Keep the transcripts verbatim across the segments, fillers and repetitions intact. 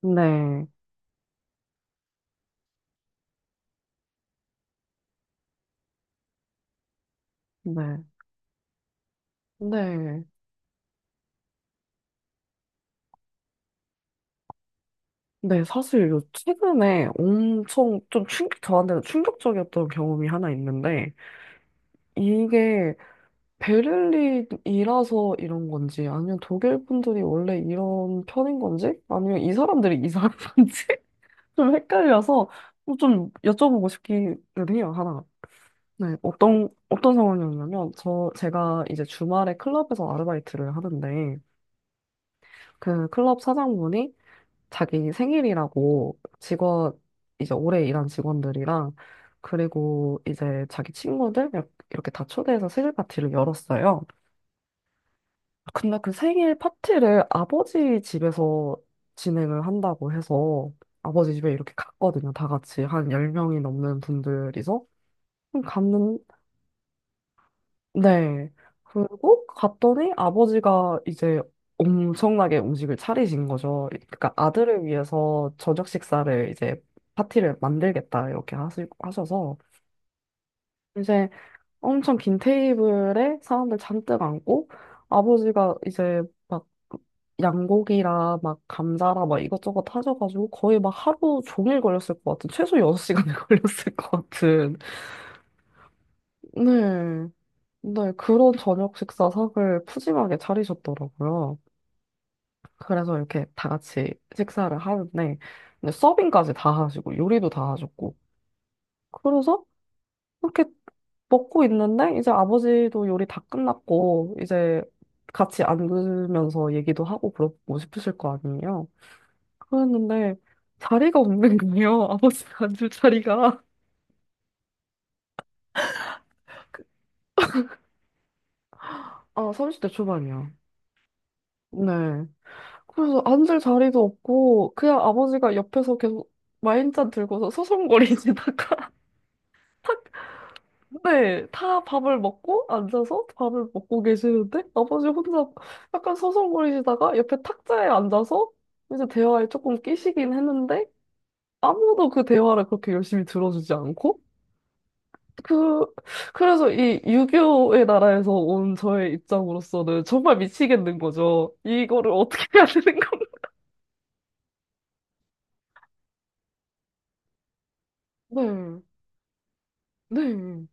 네, 네, 네. 네, 사실 요 최근에 엄청 좀 충격, 저한테는 충격적이었던 경험이 하나 있는데, 이게 베를린이라서 이런 건지, 아니면 독일 분들이 원래 이런 편인 건지, 아니면 이 사람들이 이상한 건지, 좀 헷갈려서 뭐 좀 여쭤보고 싶기는 해요, 하나. 네, 어떤, 어떤 상황이었냐면, 저, 제가 이제 주말에 클럽에서 아르바이트를 하는데, 그 클럽 사장분이 자기 생일이라고 직원, 이제 오래 일한 직원들이랑 그리고 이제 자기 친구들 이렇- 게 다 초대해서 생일 파티를 열었어요. 근데 그 생일 파티를 아버지 집에서 진행을 한다고 해서 아버지 집에 이렇게 갔거든요. 다 같이 한 열 명이 넘는 분들이서. 갔는, 네. 그리고 갔더니 아버지가 이제 엄청나게 음식을 차리신 거죠. 그러니까 아들을 위해서 저녁 식사를 이제 파티를 만들겠다 이렇게 하시, 하셔서 이제 엄청 긴 테이블에 사람들 잔뜩 앉고 아버지가 이제 막 양고기라 막 감자라 막 이것저것 하셔가지고 거의 막 하루 종일 걸렸을 것 같은 최소 여섯 시간이 걸렸을 것 같은 네. 네, 그런 저녁 식사상을 푸짐하게 차리셨더라고요. 그래서 이렇게 다 같이 식사를 하는데, 근데 서빙까지 다 하시고, 요리도 다 하셨고. 그래서 이렇게 먹고 있는데, 이제 아버지도 요리 다 끝났고, 이제 같이 앉으면서 얘기도 하고 그러고 싶으실 거 아니에요. 그랬는데, 자리가 없는 거예요. 아버지가 앉을 자리가. 그- 아, 삼십 대 초반이요. 네. 그래서 앉을 자리도 없고 그냥 아버지가 옆에서 계속 와인잔 들고서 서성거리시다가 탁, 네, 다 밥을 먹고 앉아서 밥을 먹고 계시는데 아버지 혼자 약간 서성거리시다가 옆에 탁자에 앉아서 이제 대화에 조금 끼시긴 했는데 아무도 그 대화를 그렇게 열심히 들어주지 않고 그 그래서 이 유교의 나라에서 온 저의 입장으로서는 정말 미치겠는 거죠. 이거를 어떻게 해야 되는 건가? 네, 네.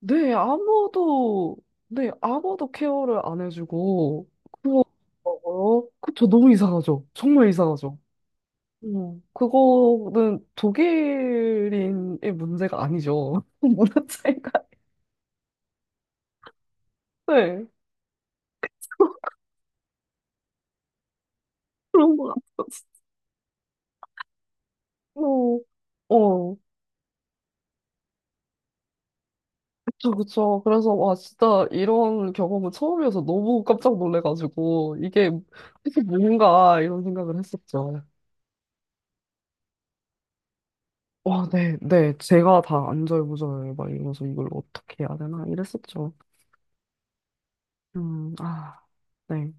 네, 아무도, 네, 아무도 케어를 안 해주고, 그거, 어, 그쵸, 너무 이상하죠. 정말 이상하죠. 음, 그거는 독일인의 문제가 아니죠. 문화 차이가. 네, 그런 것 같아요. 어, 어, 그쵸, 그쵸. 그래서, 와, 진짜 이런 경험은 처음이어서 너무 깜짝 놀래가지고, 이게, 이게 뭔가, 이런 생각을 했었죠. 와, 네, 네. 제가 다 안절부절 막 이러면서 이걸 어떻게 해야 되나 이랬었죠. 음, 아, 네,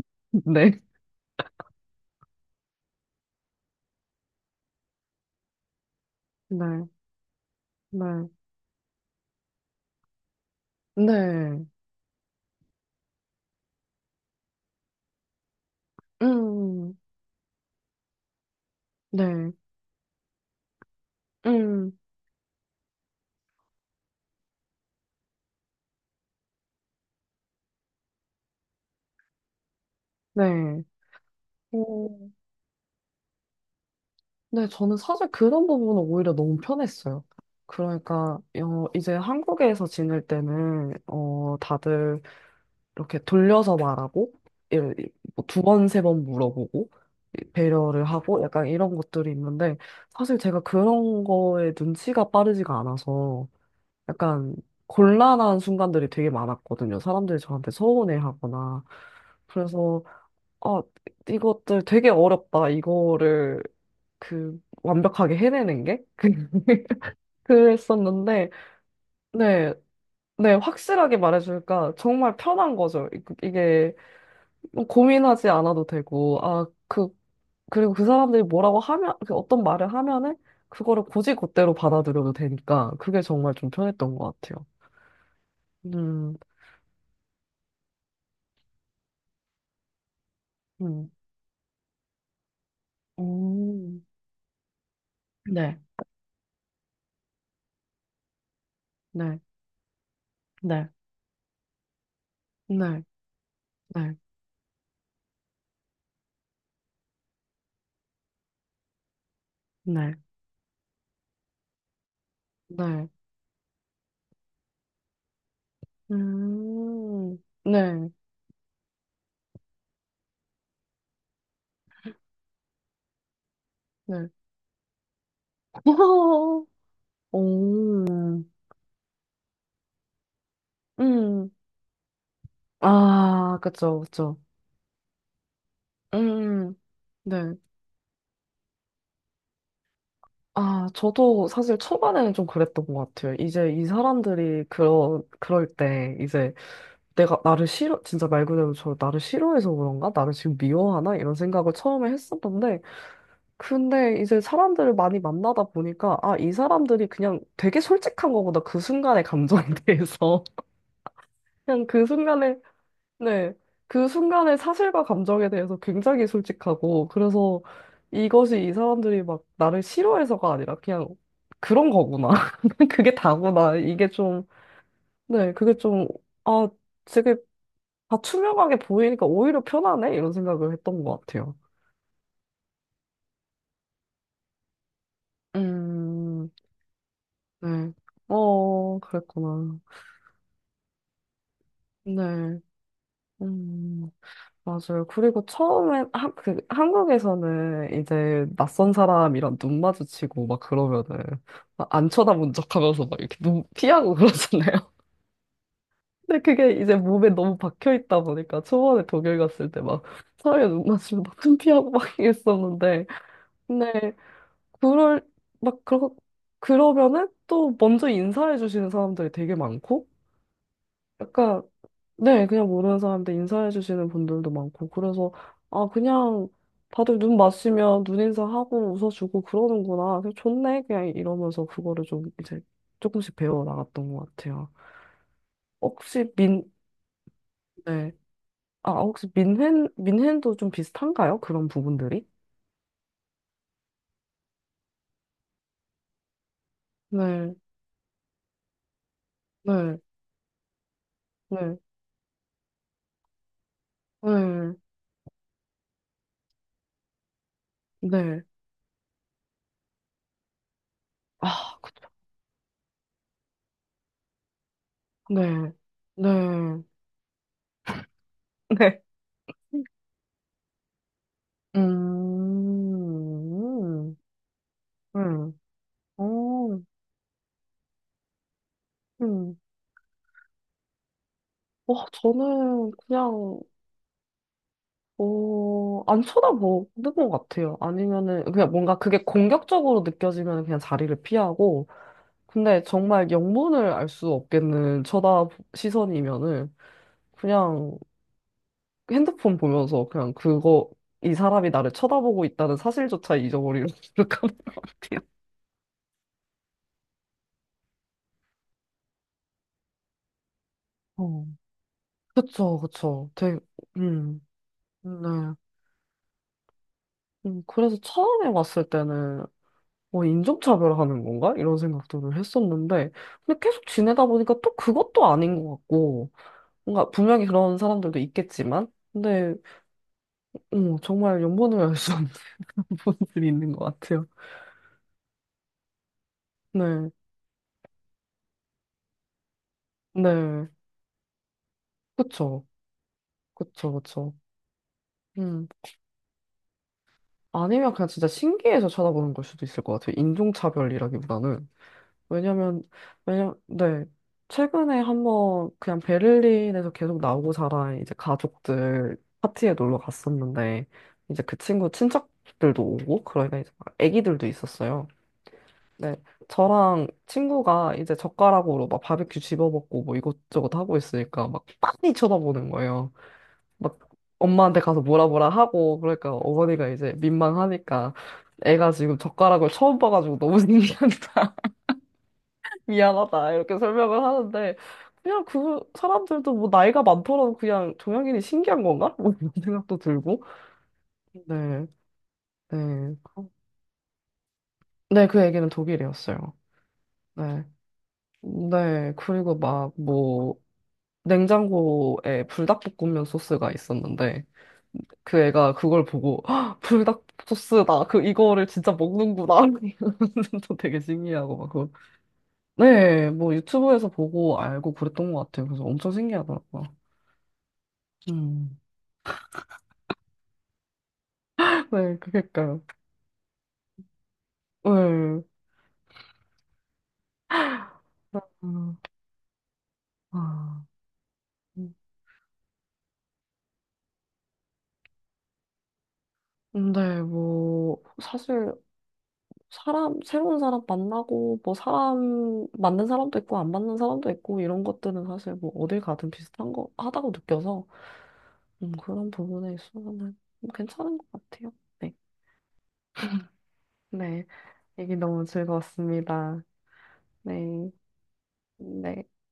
네, 네, 네, 네, 음, 네, 음, 네. 오, 네, 저는 사실 그런 부분은 오히려 너무 편했어요. 그러니까, 어, 이제 한국에서 지낼 때는, 어, 다들 이렇게 돌려서 말하고 두 번, 세 번 물어보고 이- 배려를 하고 약간 이런 것들이 있는데 사실 제가 그런 거에 눈치가 빠르지가 않아서 약간 곤란한 순간들이 되게 많았거든요. 사람들이 저한테 서운해하거나 그래서 아 이것들 되게 어렵다 이거를 그 완벽하게 해내는 게 그랬었는데 네. 네, 확실하게 말해주니까 정말 편한 거죠. 이- 이게 뭐 고민하지 않아도 되고, 아, 그, 그리고 그 사람들이 뭐라고 하면, 그 어떤 말을 하면은, 그거를 곧이곧대로 받아들여도 되니까, 그게 정말 좀 편했던 것 같아요. 음, 음, 음, 네, 네, 네, 네, 네, 네, 네, 음, 네, 네. 오, 음, 아, 그쵸, 그쵸. 음, 네. 아, 저도 사실 초반에는 좀 그랬던 것 같아요. 이제 이 사람들이 그러, 그럴 때 이제 내가 나를 싫어, 진짜 말 그대로 저 나를 싫어해서 그런가? 나를 지금 미워하나? 이런 생각을 처음에 했었는데, 근데 이제 사람들을 많이 만나다 보니까, 아, 이 사람들이 그냥 되게 솔직한 거구나. 그 순간의 감정에 대해서. 그냥 그 순간에 네. 그 순간의 사실과 감정에 대해서 굉장히 솔직하고, 그래서 이것이 이 사람들이 막 나를 싫어해서가 아니라 그냥 그런 거구나. 그게 다구나. 이게 좀, 네, 그게 좀, 아, 되게 다 투명하게 보이니까 오히려 편하네? 이런 생각을 했던 것 같아요. 음, 네. 어, 그랬구나. 네. 음. 맞아요. 그리고 처음에 한 그, 한국에서는 이제 낯선 사람이랑 눈 마주치고 막 그러면은 막안 쳐다본 척하면서 막 이렇게 눈 피하고 그러잖아요. 근데 그게 이제 몸에 너무 박혀 있다 보니까 초반에 독일 갔을 때 막 사람이 눈 마주치면 막눈 피하고 막 이랬었는데 근데 그럴 막 그러 그러면은 또 먼저 인사해 주시는 사람들이 되게 많고 약간, 네, 그냥 모르는 사람들 인사해주시는 분들도 많고, 그래서, 아, 그냥 다들 눈 마주치면 눈 인사하고 웃어주고 그러는구나. 그냥 좋네. 그냥 이러면서 그거를 좀 이제 조금씩 배워 나갔던 것 같아요. 혹시 민, 네. 아, 아, 혹시 민hen, 민헨도 좀 비슷한가요? 그런 부분들이? 네, 네, 네, 네, 네. 아, 그쵸. 네, 네, 네. 음, 음, 어, 음. 와, 저는 그냥, 어, 안 쳐다보는 것 같아요. 아니면은, 그냥 뭔가 그게 공격적으로 느껴지면 그냥 자리를 피하고, 근데 정말 영문을 알 수 없겠는 쳐다 시선이면은, 그냥 핸드폰 보면서 그냥 그거, 이 사람이 나를 쳐다보고 있다는 사실조차 잊어버리는 그 하는 것 같아요. 어, 그쵸, 그쵸. 되게, 음, 네. 음, 그래서 처음에 왔을 때는 뭐 인종차별하는 건가? 이런 생각들을 했었는데, 근데 계속 지내다 보니까 또 그것도 아닌 것 같고, 뭔가 분명히 그런 사람들도 있겠지만, 근데 어, 정말 연분을 알 수 없는 그런 분들이 있는 것 같아요. 네, 네, 그쵸, 그쵸, 그쵸. 음, 아니면 그냥 진짜 신기해서 쳐다보는 걸 수도 있을 것 같아요. 인종차별이라기보다는. 왜냐면, 왜냐, 네. 최근에 한번 그냥 베를린에서 계속 나오고 자란 이제 가족들 파티에 놀러 갔었는데, 이제 그 친구 친척들도 오고, 그러니까 이제 막 애기들도 있었어요. 네. 저랑 친구가 이제 젓가락으로 막 바베큐 집어먹고 뭐 이것저것 하고 있으니까 막 빤히 쳐다보는 거예요. 막 엄마한테 가서 뭐라 뭐라 하고, 그러니까 어머니가 이제 민망하니까 애가 지금 젓가락을 처음 봐가지고 너무 신기하다. 미안하다 이렇게 설명을 하는데 그냥 그 사람들도 뭐 나이가 많더라도 그냥 종양인이 신기한 건가? 뭐 이런 생각도 들고 네, 네, 그- 네, 그 얘기는 독일이었어요. 네, 네, 그리고 막 뭐 냉장고에 불닭볶음면 소스가 있었는데 그 애가 그걸 보고 "헉, 불닭 소스다 그 이거를 진짜 먹는구나 또 되게 신기하고 막 그거 네 뭐 유튜브에서 보고 알고 그랬던 것 같아요 그래서 엄청 신기하더라고요 음. 네, 그니까요. 네. 음, 아. 음, 근데 뭐, 사실, 사람, 새로운 사람 만나고, 뭐, 사람, 맞는 사람도 있고, 안 맞는 사람도 있고, 이런 것들은 사실 뭐, 어딜 가든 비슷한 거, 하다고 느껴서, 음, 그런 부분에 있어서는 뭐 괜찮은 것 같아요. 네. 네. 얘기 너무 즐거웠습니다. 네. 네.